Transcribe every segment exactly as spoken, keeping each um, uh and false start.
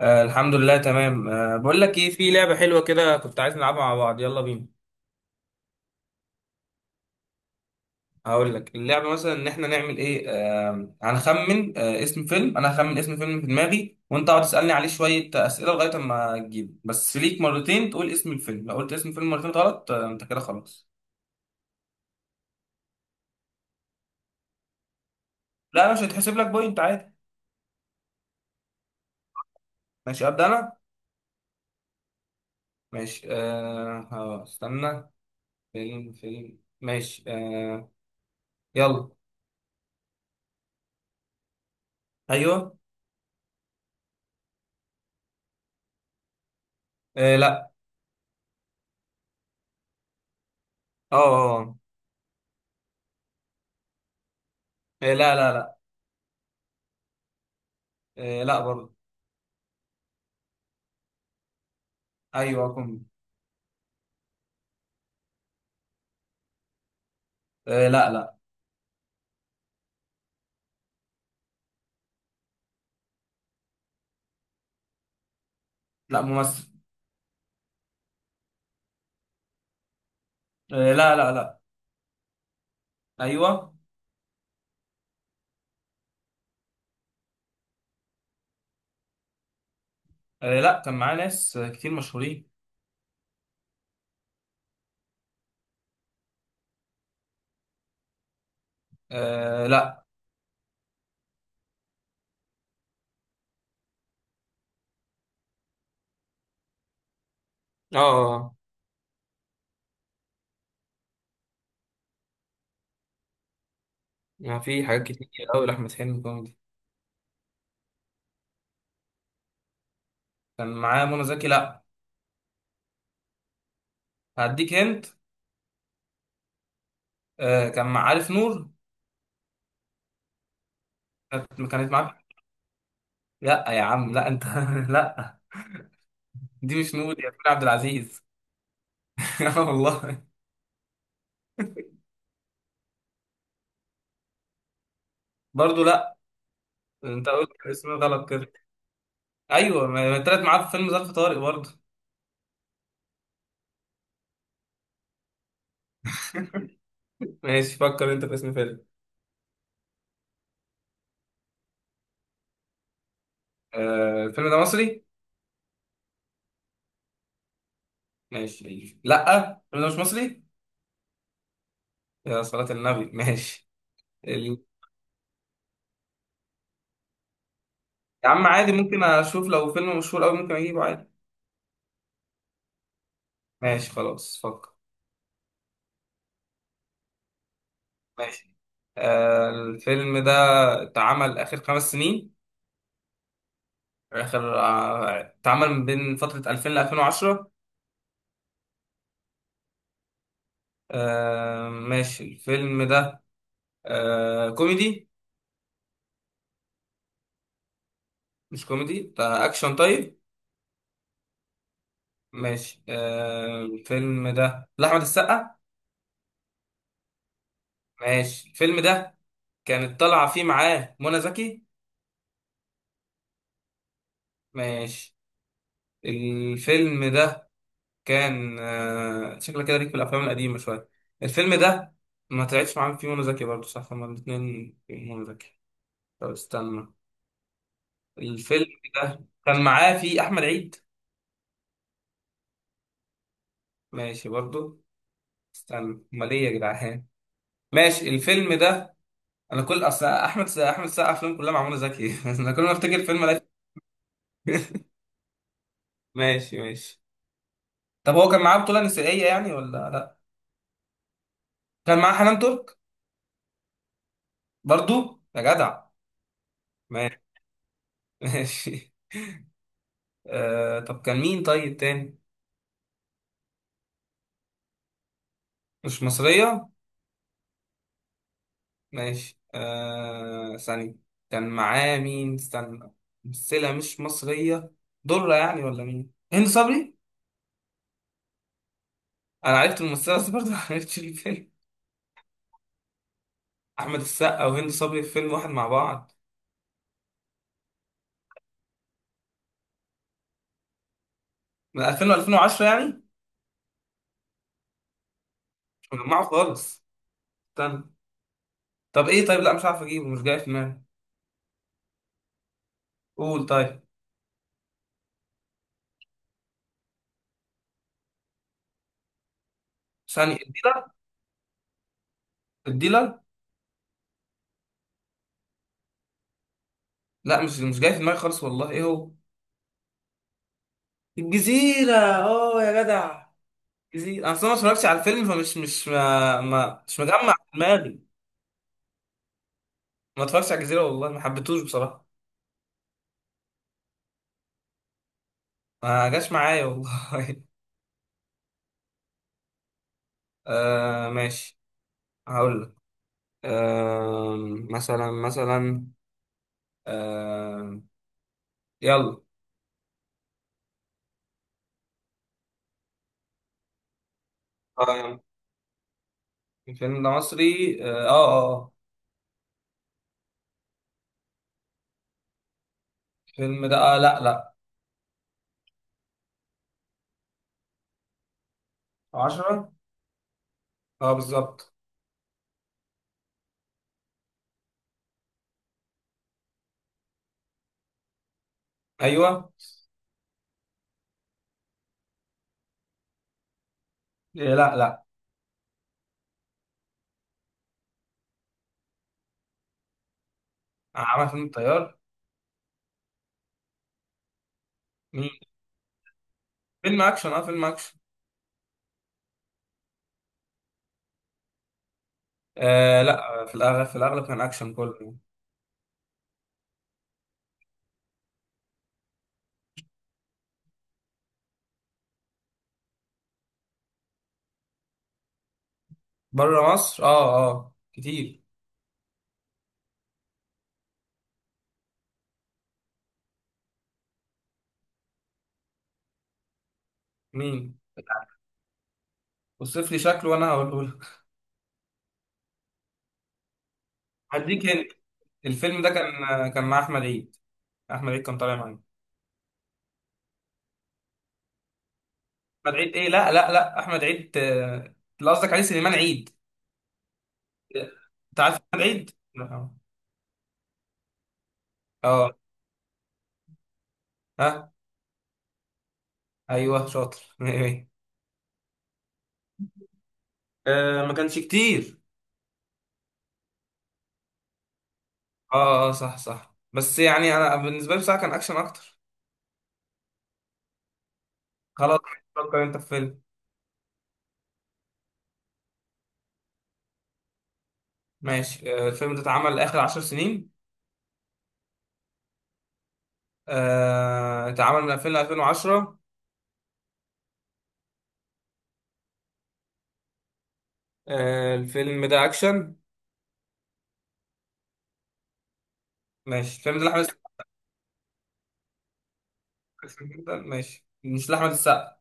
آه الحمد لله تمام. آه بقول لك ايه، في لعبة حلوة كده كنت عايز نلعبها مع بعض، يلا بينا. هقول لك اللعبة مثلا ان احنا نعمل ايه. آه هنخمن آه اسم فيلم. انا هخمن اسم فيلم في دماغي وانت اقعد تسألني عليه شوية أسئلة لغاية اما تجيب. بس ليك مرتين تقول اسم الفيلم، لو قلت اسم الفيلم مرتين غلط آه انت كده خلاص. لا، مش هيتحسب لك بوينت عادي. ماشي، ابدأ انا. ماشي. آه ها، استنى. فيلم فيلم ماشي. آه يلا. ايوه. آه، لا. اه. آه. آه، آه، لا، لا، لا. آه، لا برضه. ايوه، كوميدي. آه، لا، لا، لا. ممثل. آه، لا، لا، لا. ايوه. آه، لا، كان معاه ناس آه، كتير مشهورين. آه، لا. اه. آه. ما في حاجات كتير قوي لأحمد حلمي كوميدي. كان معاه منى زكي؟ لا. هديك، هنت. آه كان مع عارف نور. كانت كانت معاه. لا يا عم، لا انت لا. دي مش نور، يا كريم عبد العزيز. آه والله. برضه لا. انت قلت اسم غلط كده. ايوه، ما ما طلعت معاه في فيلم ظرف طارق برضه. ماشي، فكر انت في اسم فيلم. آه، الفيلم ده مصري؟ ماشي، لا الفيلم ده مش مصري. يا صلاة النبي، ماشي. ال... يا عم، عادي ممكن اشوف، لو فيلم مشهور قوي ممكن اجيبه عادي. ماشي، خلاص، فكر. ماشي. آه الفيلم ده اتعمل اخر خمس سنين؟ اخر آه، اتعمل من بين فترة ألفين ل ألفين وعشرة؟ آه، ماشي. الفيلم ده آه كوميدي؟ مش كوميدي، ده اكشن طيب. ماشي. آه الفيلم ده لاحمد السقا؟ ماشي. الفيلم ده كانت طالعة فيه معاه منى زكي؟ ماشي. الفيلم ده كان، آه، شكلك كده ليك في الافلام القديمه شويه. الفيلم ده ما طلعتش معاهم فيه منى زكي برضه صح، هما الاثنين في منى زكي. طب استنى. الفيلم ده كان معاه فيه احمد عيد؟ ماشي برضه. استنى، امال ايه يا جدعان؟ ماشي، الفيلم ده. انا كل اصل احمد احمد السقا افلام كلها مع منى زكي، انا كل ما افتكر الفيلم الاقي. ماشي ماشي. طب هو كان معاه بطولة نسائية يعني ولا لا؟ كان معاه حنان ترك؟ برضو؟ يا جدع. ماشي. آه طب كان مين طيب تاني؟ مش مصرية؟ ماشي. آه ثانية. كان معاه مين؟ استنى. ممثلة مش مصرية. درة يعني؟ ولا مين؟ هند صبري؟ أنا عرفت الممثلة بس برضه ما عرفتش الفيلم. أحمد السقا وهند صبري في فيلم واحد مع بعض؟ من ألفين و ألفين وعشرة يعني؟ مش مجمعه خالص. استنى. طب إيه؟ طيب لا، مش عارف أجيبه، مش جاي في دماغي. قول طيب. ثانية، الديلر. الديلر. لا، مش مش جاي في دماغي خالص والله، إيه هو؟ الجزيرة! أه يا جدع. جزيرة، اصل انا ما اتفرجتش على الفيلم فمش مش ما ما مش مجمع في دماغي. ما اتفرجتش على الجزيرة والله، ما حبيتهوش بصراحة. ما جاش معايا والله. آه، ماشي. هقول لك. آه مثلا مثلا. آه يلا. آه، الفيلم ده مصري، اه اه آه. الفيلم ده آه لا لا. عشرة. اه، بالظبط. ايوه. إيه، لا لا. عمل فيلم الطيار؟ مين؟ فيلم اكشن، اه فيلم اكشن. آه، لا، في الاغلب في الاغلب كان اكشن كله. بره مصر، اه اه، كتير. مين؟ وصف لي شكله وانا هقوله لك. هديك هنا. الفيلم ده كان كان مع احمد عيد؟ احمد عيد كان طالع معايا. احمد عيد ايه؟ لا، لا، لا. احمد عيد آه، اللي قصدك عليه سليمان عيد. انت عارف احمد عيد؟ لا. اه. ها. ايوه، شاطر. ايه؟ آه ما كانش كتير. اه اه، صح صح، بس يعني انا بالنسبه لي بصراحه كان اكشن اكتر. خلاص. فكر انت في فيلم. ماشي. آه الفيلم ده اتعمل اخر عشر سنين؟ آه، اتعمل من ألفين ل ألفين وعشرة؟ آه، الفيلم ده اكشن؟ ماشي. الفيلم ده لاحمد السقا جداً؟ ماشي، مش لاحمد السقا؟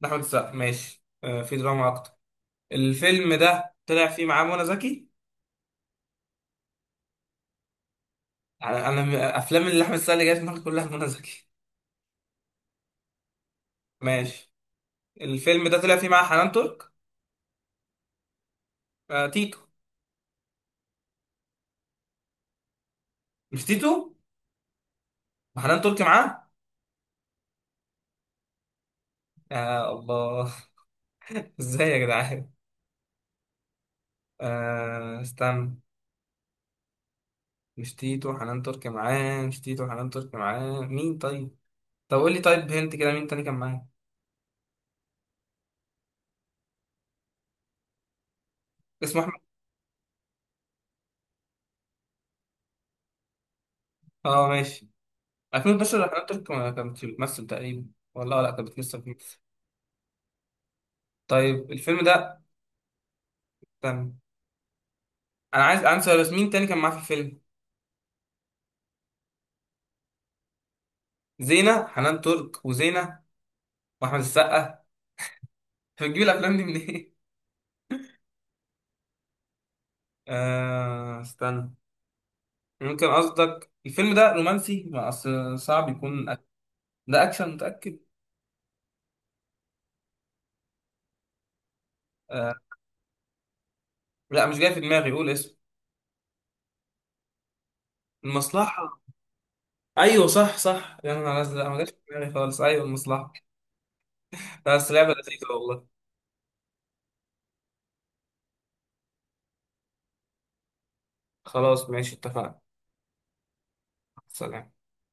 لاحمد السقا، ماشي. آه، في دراما اكتر. الفيلم ده طلع فيه معاه منى زكي؟ انا أنا م- افلام اللي احمد السقا اللي جايه في دماغي كلها منى زكي. ماشي. الفيلم ده طلع فيه معاه حنان ترك؟ آه، تيتو؟ مش تيتو؟ وحنان ترك معاه. يا الله. ازاي يا جدعان؟ آه، استنى. مش تيتو، حنان ترك معاه، مش تيتو، حنان ترك معاه مين طيب؟ طب قول لي طيب، هنت كده، مين تاني كان معايا؟ اسمه احمد؟ اه، ماشي. ألفين واتناشر حنان ترك ما كانت بتمثل تقريبا. والله لا، كانت بتمثل فيه. طيب الفيلم ده. تمام. انا عايز، عندي سؤال، مين تاني كان معاه في الفيلم؟ زينة؟ حنان ترك وزينة. واحمد السقا. بتجيب الافلام دي منين؟ آه استنى. ممكن قصدك الفيلم ده رومانسي؟ ما اصل صعب يكون أك... ده اكشن؟ متأكد؟ آه. لا، مش جاي في دماغي، قول اسمه. المصلحة؟ ايوه، صح صح، يا نهار ازرق، ما جاش في دماغي خالص، ايوه المصلحة. بس لعبة لذيذة والله. خلاص ماشي، اتفقنا. سلام.